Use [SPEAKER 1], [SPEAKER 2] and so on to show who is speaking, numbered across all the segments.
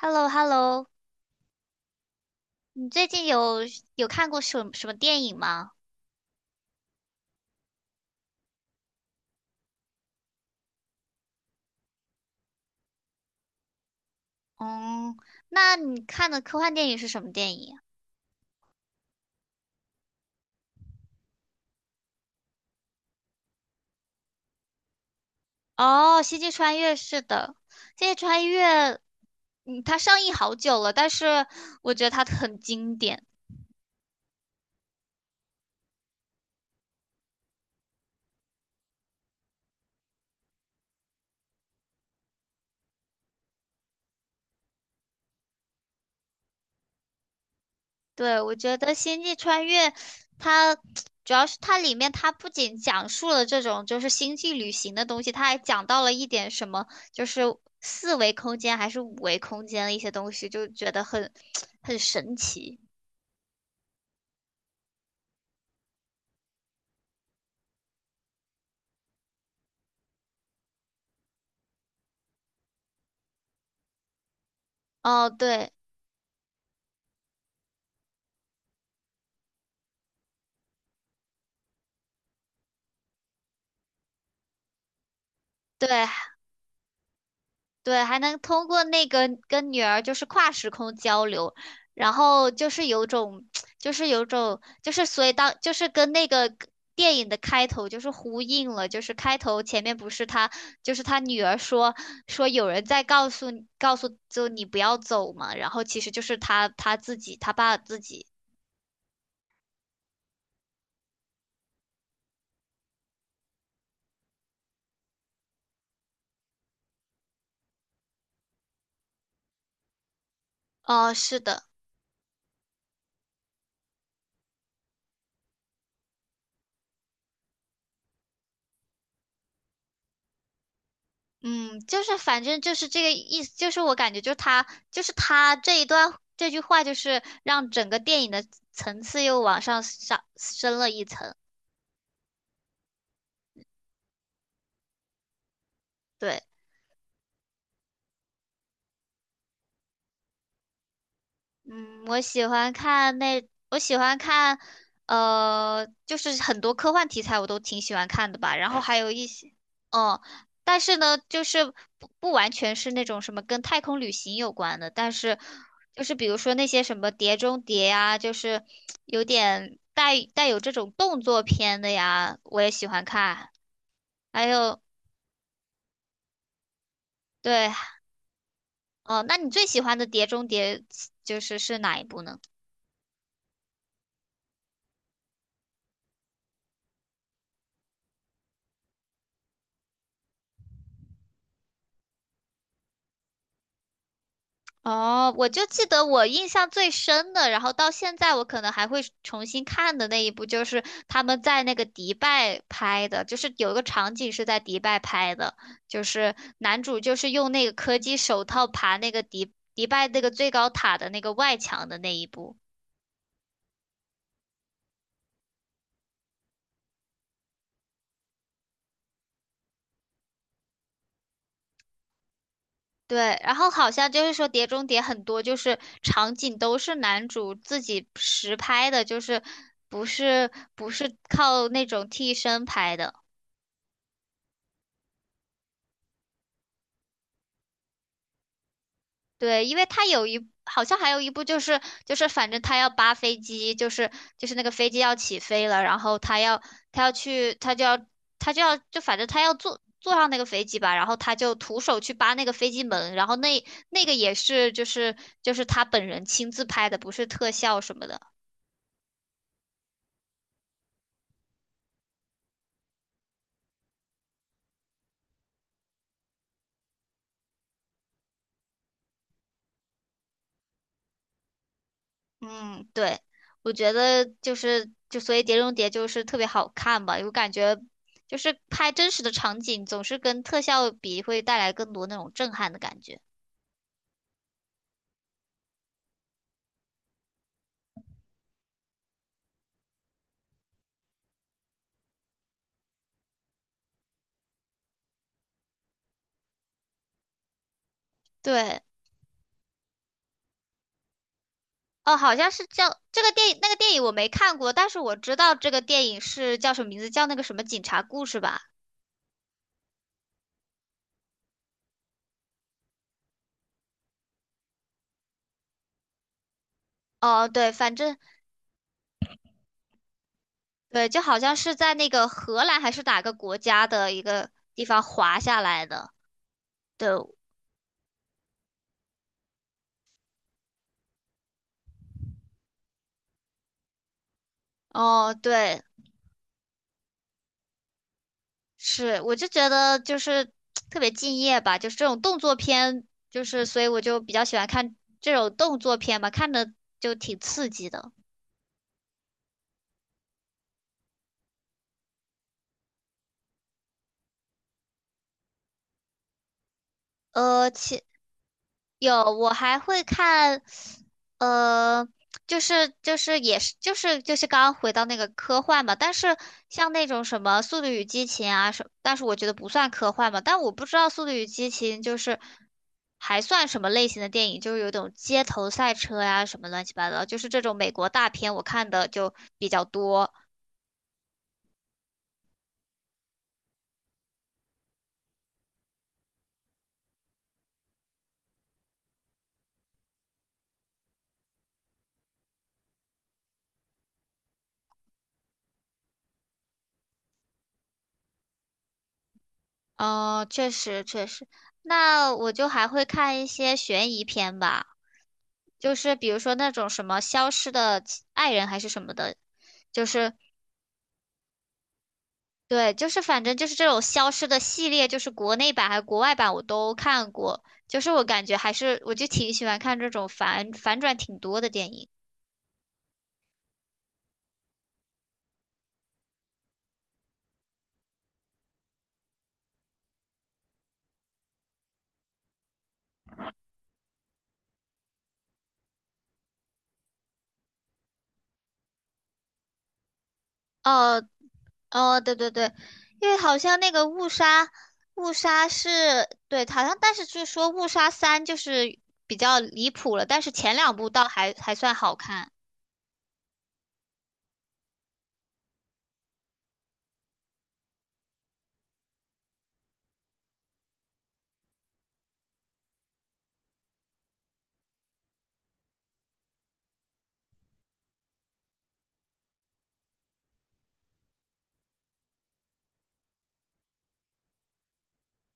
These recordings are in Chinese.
[SPEAKER 1] h e l l o h e l l o。 你最近有看过什么电影吗？嗯，那你看的科幻电影是什么电影？啊哦，《星际穿越》是的，《星际穿越》，嗯，它上映好久了，但是我觉得它很经典。对，我觉得《星际穿越》它主要是它里面它不仅讲述了这种就是星际旅行的东西，它还讲到了一点什么，就是四维空间还是五维空间的一些东西，就觉得很 很神奇。哦，对对，对，还能通过那个跟女儿就是跨时空交流，然后就是有种，就是有种，就是所以当就是跟那个电影的开头就是呼应了，就是开头前面不是他就是他女儿说有人在告诉你告诉就你不要走嘛，然后其实就是他自己他爸自己。哦，是的。嗯，就是反正就是这个意思，就是我感觉就是他，就是他这一段这句话，就是让整个电影的层次又往上上升了一层。对。嗯，我喜欢看那，我喜欢看，就是很多科幻题材我都挺喜欢看的吧。然后还有一些，嗯，但是呢，就是不完全是那种什么跟太空旅行有关的，但是就是比如说那些什么《碟中谍》呀，就是有点带有这种动作片的呀，我也喜欢看。还有，对，哦，那你最喜欢的《碟中谍》就是哪一部呢？哦，我就记得我印象最深的，然后到现在我可能还会重新看的那一部，就是他们在那个迪拜拍的，就是有一个场景是在迪拜拍的，就是男主就是用那个科技手套爬那个迪拜那个最高塔的那个外墙的那一部。对，然后好像就是说《碟中谍》很多就是场景都是男主自己实拍的，就是不是靠那种替身拍的。对，因为他有一，好像还有一部就是就是反正他要扒飞机，就是就是那个飞机要起飞了，然后他要他要去，他就要他就要就反正他要坐上那个飞机吧，然后他就徒手去扒那个飞机门，然后那那个也是就是就是他本人亲自拍的，不是特效什么的。嗯，对，我觉得就是就所以《碟中谍》就是特别好看吧，我感觉。就是拍真实的场景，总是跟特效比，会带来更多那种震撼的感觉。对，哦，好像是叫这个电影，那个电影我没看过，但是我知道这个电影是叫什么名字，叫那个什么警察故事吧？哦，对，反正对，就好像是在那个荷兰还是哪个国家的一个地方滑下来的。对，哦，对，是，我就觉得就是特别敬业吧，就是这种动作片，就是所以我就比较喜欢看这种动作片吧，看着就挺刺激的。呃，其有，我还会看，呃，就是就是也是就是就是刚刚回到那个科幻嘛，但是像那种什么《速度与激情》啊什，但是我觉得不算科幻嘛，但我不知道《速度与激情》就是还算什么类型的电影，就是有种街头赛车呀什么乱七八糟，就是这种美国大片我看的就比较多。哦，确实，那我就还会看一些悬疑片吧。就是比如说那种什么消失的亲爱人还是什么的，就是对，就是反正就是这种消失的系列，就是国内版还是国外版我都看过，就是我感觉还是我就挺喜欢看这种反转挺多的电影。哦哦，对对对，因为好像那个误杀，误杀是对，好像但是就是说误杀三就是比较离谱了，但是前两部倒还算好看。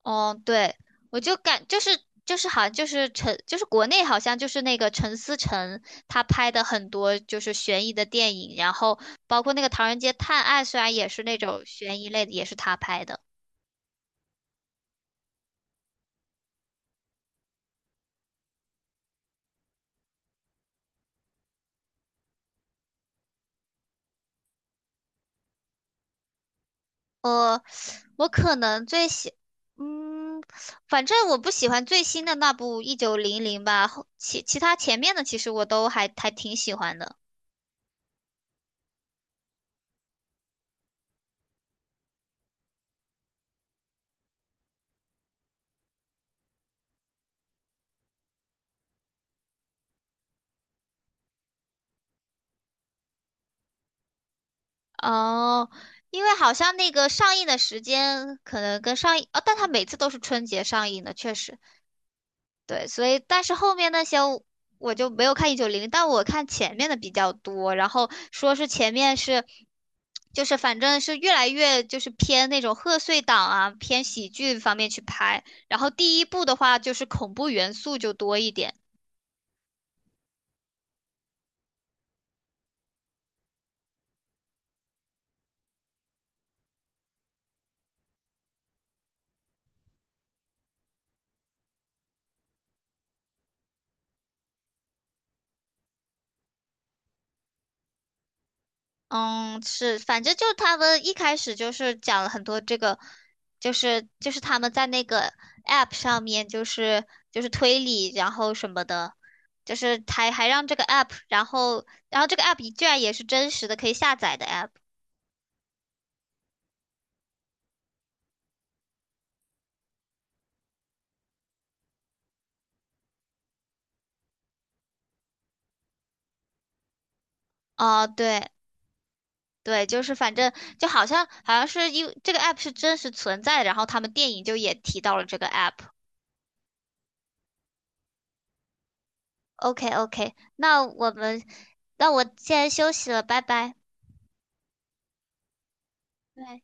[SPEAKER 1] 哦，对，我就感就是就是好像就是陈就是国内好像就是那个陈思诚他拍的很多就是悬疑的电影，然后包括那个《唐人街探案》，虽然也是那种悬疑类的，也是他拍的。呃，我可能最喜，嗯，反正我不喜欢最新的那部《一九零零》吧，后其他前面的其实我都还挺喜欢的。哦，因为好像那个上映的时间可能跟上映，哦，但它每次都是春节上映的，确实，对，所以但是后面那些我就没有看一九零零，但我看前面的比较多，然后说是前面是，就是反正是越来越就是偏那种贺岁档啊，偏喜剧方面去拍，然后第一部的话就是恐怖元素就多一点。嗯，是，反正就他们一开始就是讲了很多这个，就是他们在那个 app 上面，就是推理，然后什么的，就是还让这个 app,然后这个 app 居然也是真实的可以下载的 app。哦，对对，就是反正就好像是因为这个 app 是真实存在的，然后他们电影就也提到了这个 app。OK OK,那我们那我现在休息了，拜拜。对。